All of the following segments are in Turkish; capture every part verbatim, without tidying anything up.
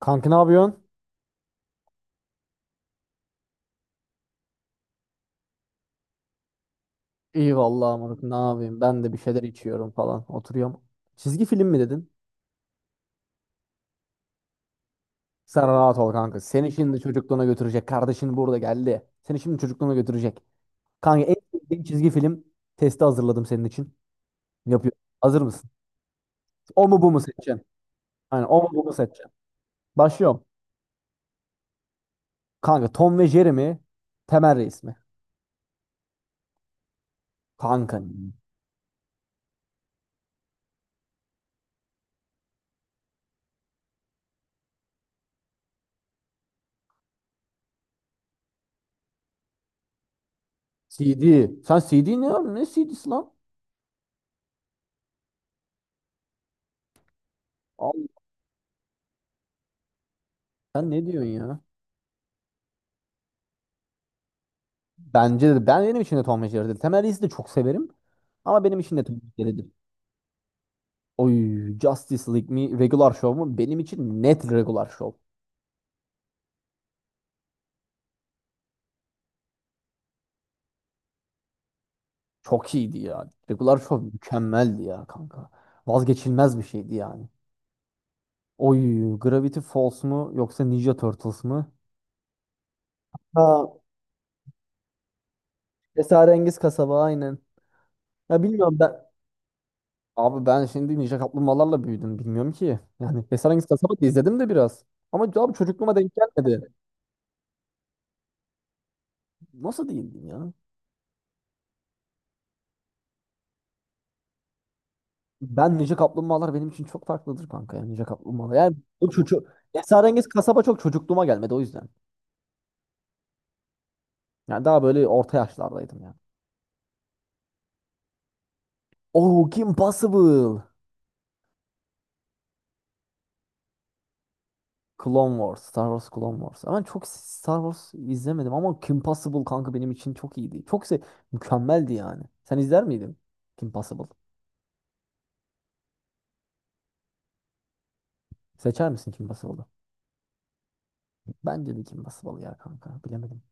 Kanka ne yapıyorsun? İyi vallahi moruk ne yapayım? Ben de bir şeyler içiyorum falan. Oturuyorum. Çizgi film mi dedin? Sen rahat ol kanka. Seni şimdi çocukluğuna götürecek. Kardeşin burada geldi. Seni şimdi çocukluğuna götürecek. Kanka en sevdiğin çizgi film testi hazırladım senin için. Yapıyorum. Hazır mısın? O mu bu mu seçeceksin? Aynen o mu bu mu seçeceksin? Başlıyorum. Kanka Tom ve Jerry mi? Temel Reis mi? Kanka. C D. Sen C D ne ya? Ne C D'si lan? Abi, sen ne diyorsun ya? Bence de ben benim için de Tom ve Jerry'dir. Temel Reis'i de çok severim. Ama benim için de Tom ve Jerry'dir. Oy, Justice League mi Regular Show mu? Benim için net Regular Show. Çok iyiydi ya. Regular Show mükemmeldi ya kanka. Vazgeçilmez bir şeydi yani. Oy, Gravity Falls mu yoksa Ninja Turtles mı? Ha, Esrarengiz Kasaba aynen. Ya bilmiyorum ben. Abi ben şimdi Ninja Kaplumbağalarla büyüdüm bilmiyorum ki. Yani Esrarengiz Kasaba da izledim de biraz. Ama abi çocukluğuma denk gelmedi. Nasıl diyeyim ya? Ben Ninja Kaplumbağalar benim için çok farklıdır kanka ya Ninja Kaplumbağalar. Yani bu çocuk Esrarengiz Kasaba çok çocukluğuma gelmedi o yüzden. Yani daha böyle orta yaşlardaydım yani. Oh, Kim Possible. Clone Wars, Star Wars Clone Wars. Ama çok Star Wars izlemedim ama Kim Possible kanka benim için çok iyiydi. Çok se mükemmeldi yani. Sen izler miydin Kim Possible? Seçer misin Kim Possible'ı? Bence de Kim Possible ya kanka. Bilemedim.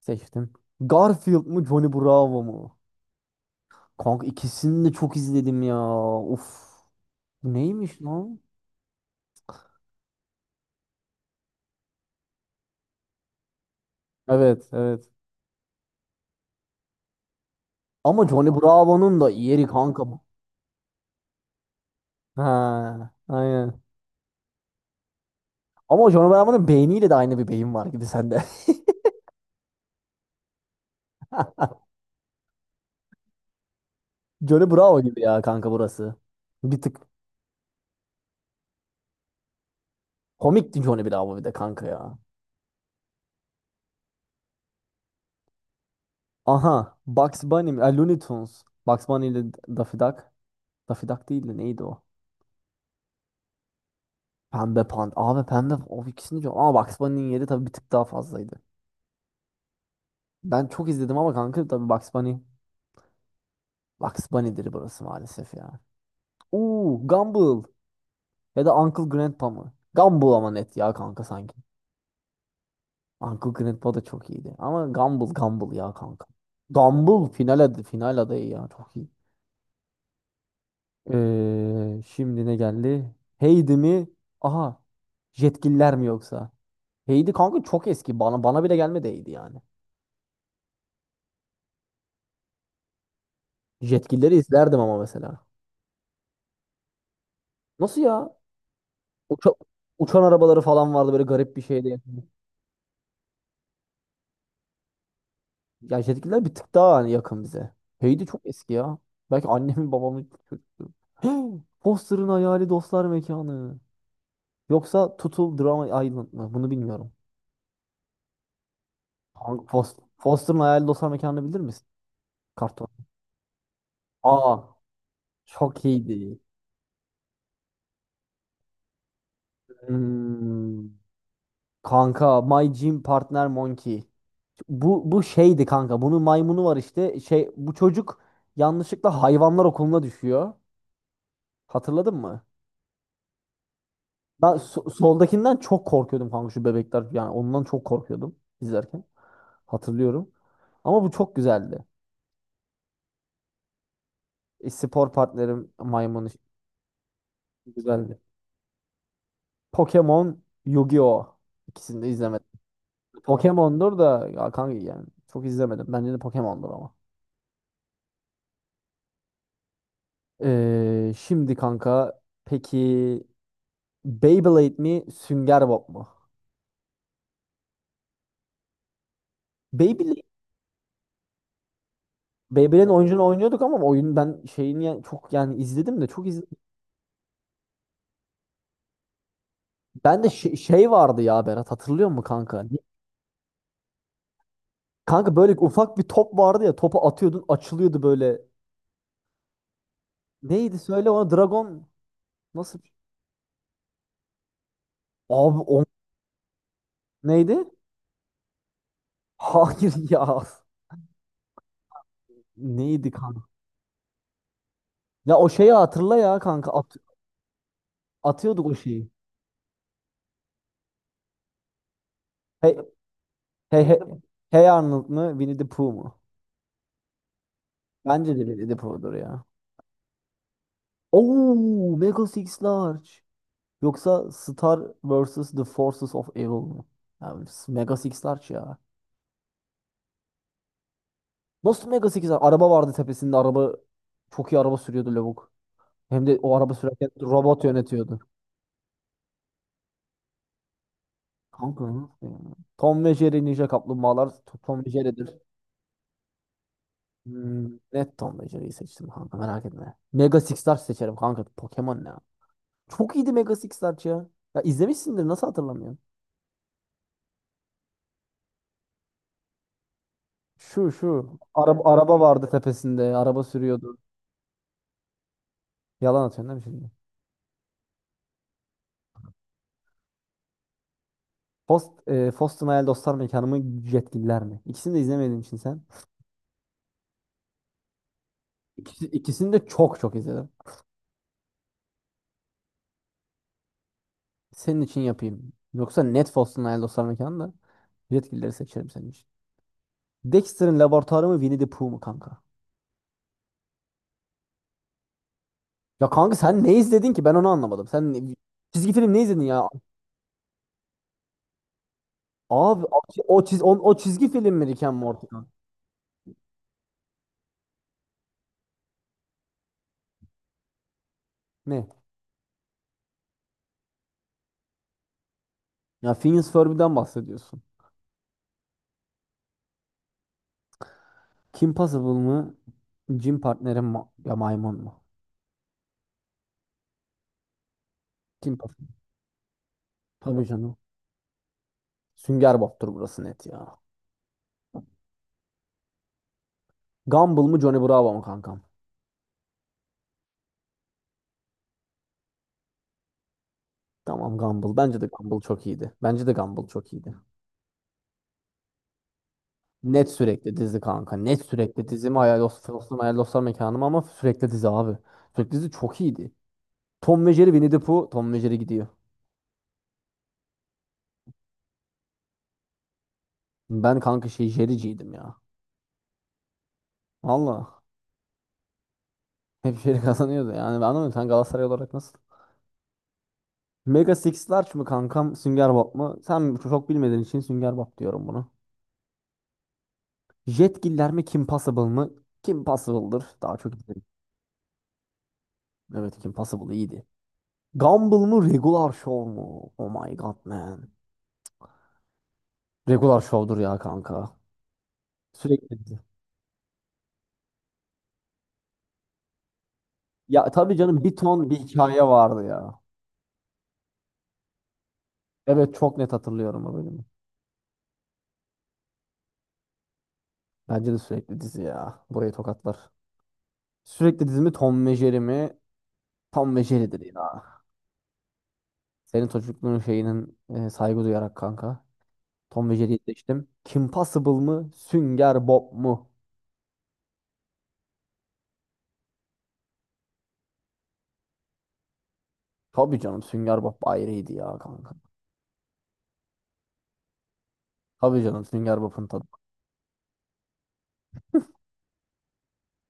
Seçtim. Garfield mı Johnny Bravo mu? Kanka ikisini de çok izledim ya. Uf. Bu neymiş lan? Evet, evet. Ama Johnny Bravo'nun da yeri kanka bu. Ha, aynen. Ama Johnny Bravo'nun beyniyle de aynı bir beyin var gibi sende. Johnny Bravo gibi ya kanka burası. Bir tık komikti Johnny Bravo bir de kanka ya. Aha, Bugs Bunny mi? E, Looney Tunes. Bugs Bunny ile Daffy Duck. Daffy Duck değil de neydi o? Pembe Panda. Abi Pembe o ikisini çok... Ama Bugs Bunny'nin yeri tabii bir tık daha fazlaydı. Ben çok izledim ama kanka tabii Bugs Bunny. Bugs Bunny'dir burası maalesef ya. Oo, Gumball. Ya da Uncle Grandpa mı? Gumball ama net ya kanka sanki. Uncle Grandpa da çok iyiydi. Ama Gumball Gumball ya kanka. Gumball final, ad final adayı ya çok iyi. Ee, şimdi ne geldi? Heidi mi? Aha. Jetgiller mi yoksa? Heidi kanka çok eski. Bana bana bile gelmedi Heidi yani. Jetgilleri izlerdim ama mesela. Nasıl ya? Uça- Uçan arabaları falan vardı, böyle garip bir şeydi. Ya jetgiller bir tık daha hani yakın bize. Heidi çok eski ya. Belki annemin babamın çocukluğu. Foster'ın hayali dostlar mekanı. Yoksa Tutul Drama Island mı? Bunu bilmiyorum. Hangi Fos- Foster'ın hayali dostlar mekanını bilir misin? Karton. Aa, çok iyiydi. Hmm, kanka My Gym Partner Monkey. Bu bu şeydi kanka. Bunun maymunu var işte. Şey bu çocuk yanlışlıkla hayvanlar okuluna düşüyor. Hatırladın mı? Ben so- soldakinden çok korkuyordum kanka şu bebekler. Yani ondan çok korkuyordum izlerken. Hatırlıyorum. Ama bu çok güzeldi. E, spor partnerim maymunu güzeldi. Pokemon, Yu-Gi-Oh! İkisini de izlemedim. Pokemon'dur da ya kanka yani çok izlemedim. Bence de Pokemon'dur ama. Ee, şimdi kanka peki Beyblade mi Sünger Bob mu? Beyblade Beyblade'in oyuncunu oynuyorduk ama oyun ben şeyini yani çok yani izledim de çok izlemedim. Ben de şey, şey vardı ya Berat hatırlıyor musun kanka? Kanka böyle ufak bir top vardı ya, topu atıyordun açılıyordu böyle. Neydi söyle ona Dragon nasıl? Abi o neydi? Hayır ya. Neydi kanka? Ya o şeyi hatırla ya kanka At- atıyorduk o şeyi. Hey, hey, hey, Hey Arnold mu Winnie the Pooh mu? Bence de Winnie the Pooh'dur ya. Oo, Mega Six Large. Yoksa Star versus. The Forces of Evil mu? Abi, Mega Six Large ya. Nasıl Mega sekiz Araba vardı tepesinde. Araba çok iyi araba sürüyordu lavuk. Hem de o araba sürerken robot yönetiyordu. Kanka nasıl ya? Tom ve Jerry Ninja Kaplumbağalar T- Tom ve Jerry'dir. Hmm, Net Tom ve Jerry'yi seçtim kanka merak etme. Mega Six Large seçerim kanka. Pokemon ne ya? Çok iyiydi Mega Six Large ya. Ya izlemişsindir nasıl hatırlamıyorsun? Şu şu. Araba, araba vardı tepesinde. Araba sürüyordu. Yalan atıyorsun değil mi şimdi? Post, e, Foston Hayal Dostlar Mekanı mı? Jetgiller mi? İkisini de izlemediğin için sen. İkisi, ikisini de çok çok izledim. Senin için yapayım. Yoksa net olsun Hayal Dostlar Mekanı da. Jetgilleri seçerim senin için. Dexter'ın laboratuvarı mı Winnie the Pooh mu kanka? Ya kanka sen ne izledin ki? Ben onu anlamadım. Sen ne- çizgi film ne izledin ya? Abi o, çiz, o, o çizgi film mi Rick and Morty kanka? Ne? Ya Phineas Ferb'den bahsediyorsun. Kim Possible mı? Jim Partner'in ma ya maymun mu? Kim Possible? Tabii canım. Sünger Bob'tur burası net ya. Gumball mı Johnny Bravo mu kanka? Tamam Gumball. Bence de Gumball çok iyiydi. Bence de Gumball çok iyiydi. Net sürekli dizi kanka. Net sürekli dizi mi? Hayal dostum, hayal dostlar mekanım ama sürekli dizi abi. Sürekli dizi çok iyiydi. Tom ve Jerry Winnie the Pooh. Tom ve Jerry gidiyor. Ben kanka şey Jerry'ciydim ya. Valla. Hep Jerry kazanıyordu. Yani ben anlamıyorum. Sen Galatasaray olarak nasıl? Mega Six Large mı kankam? Sünger Bob mu? Sen çok bilmediğin için Sünger Bob diyorum bunu Jetgiller mi? Kim Possible mı? Kim Possible'dır. Daha çok izledim. Evet Kim Possible iyiydi. Gumball mı Regular Show mu? Oh my god man. Regular Show'dur ya kanka. Sürekli dizi. Ya tabii canım bir ton bir hikaye vardı ya. Evet çok net hatırlıyorum o bölümü. Bence de sürekli dizi ya. Burayı tokatlar. Sürekli dizi mi Tom ve Jerry mi? Tom ve Jerry'dir ya. Senin çocukluğun şeyinin e, saygı duyarak kanka. Tom ve Jerry'yi seçtim. Kim Possible mı? Sünger Bob mu? Tabii canım Sünger Bob ayrıydı ya kanka. Tabii canım Sünger Bob'un tadı.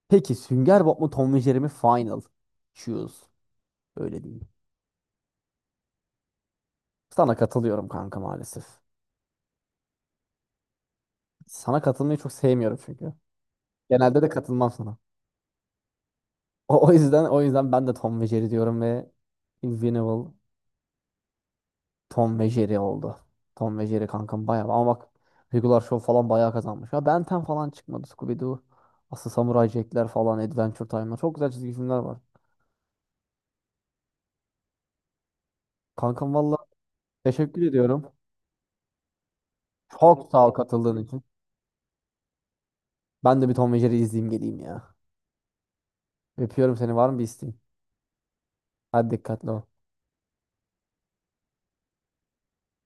Peki Sünger Bob mu Tom ve Jerry mi final? Choose. Öyle değil. Sana katılıyorum kanka maalesef. Sana katılmayı çok sevmiyorum çünkü. Genelde de katılmam sana. O, o yüzden o yüzden ben de Tom ve Jerry diyorum ve Invincible Tom ve Jerry oldu. Tom ve Jerry kankam bayağı, ama bak Regular Show falan bayağı kazanmış. Ya Ben on falan çıkmadı. Scooby-Doo, Aslı Samuray Jack'ler falan, Adventure Time'lar. Çok güzel çizgi filmler var. Kankam valla teşekkür ediyorum. Çok sağ ol katıldığın için. Ben de bir Tom ve Jerry izleyeyim geleyim ya. Öpüyorum seni. Var mı bir isteğin? Hadi dikkatli ol.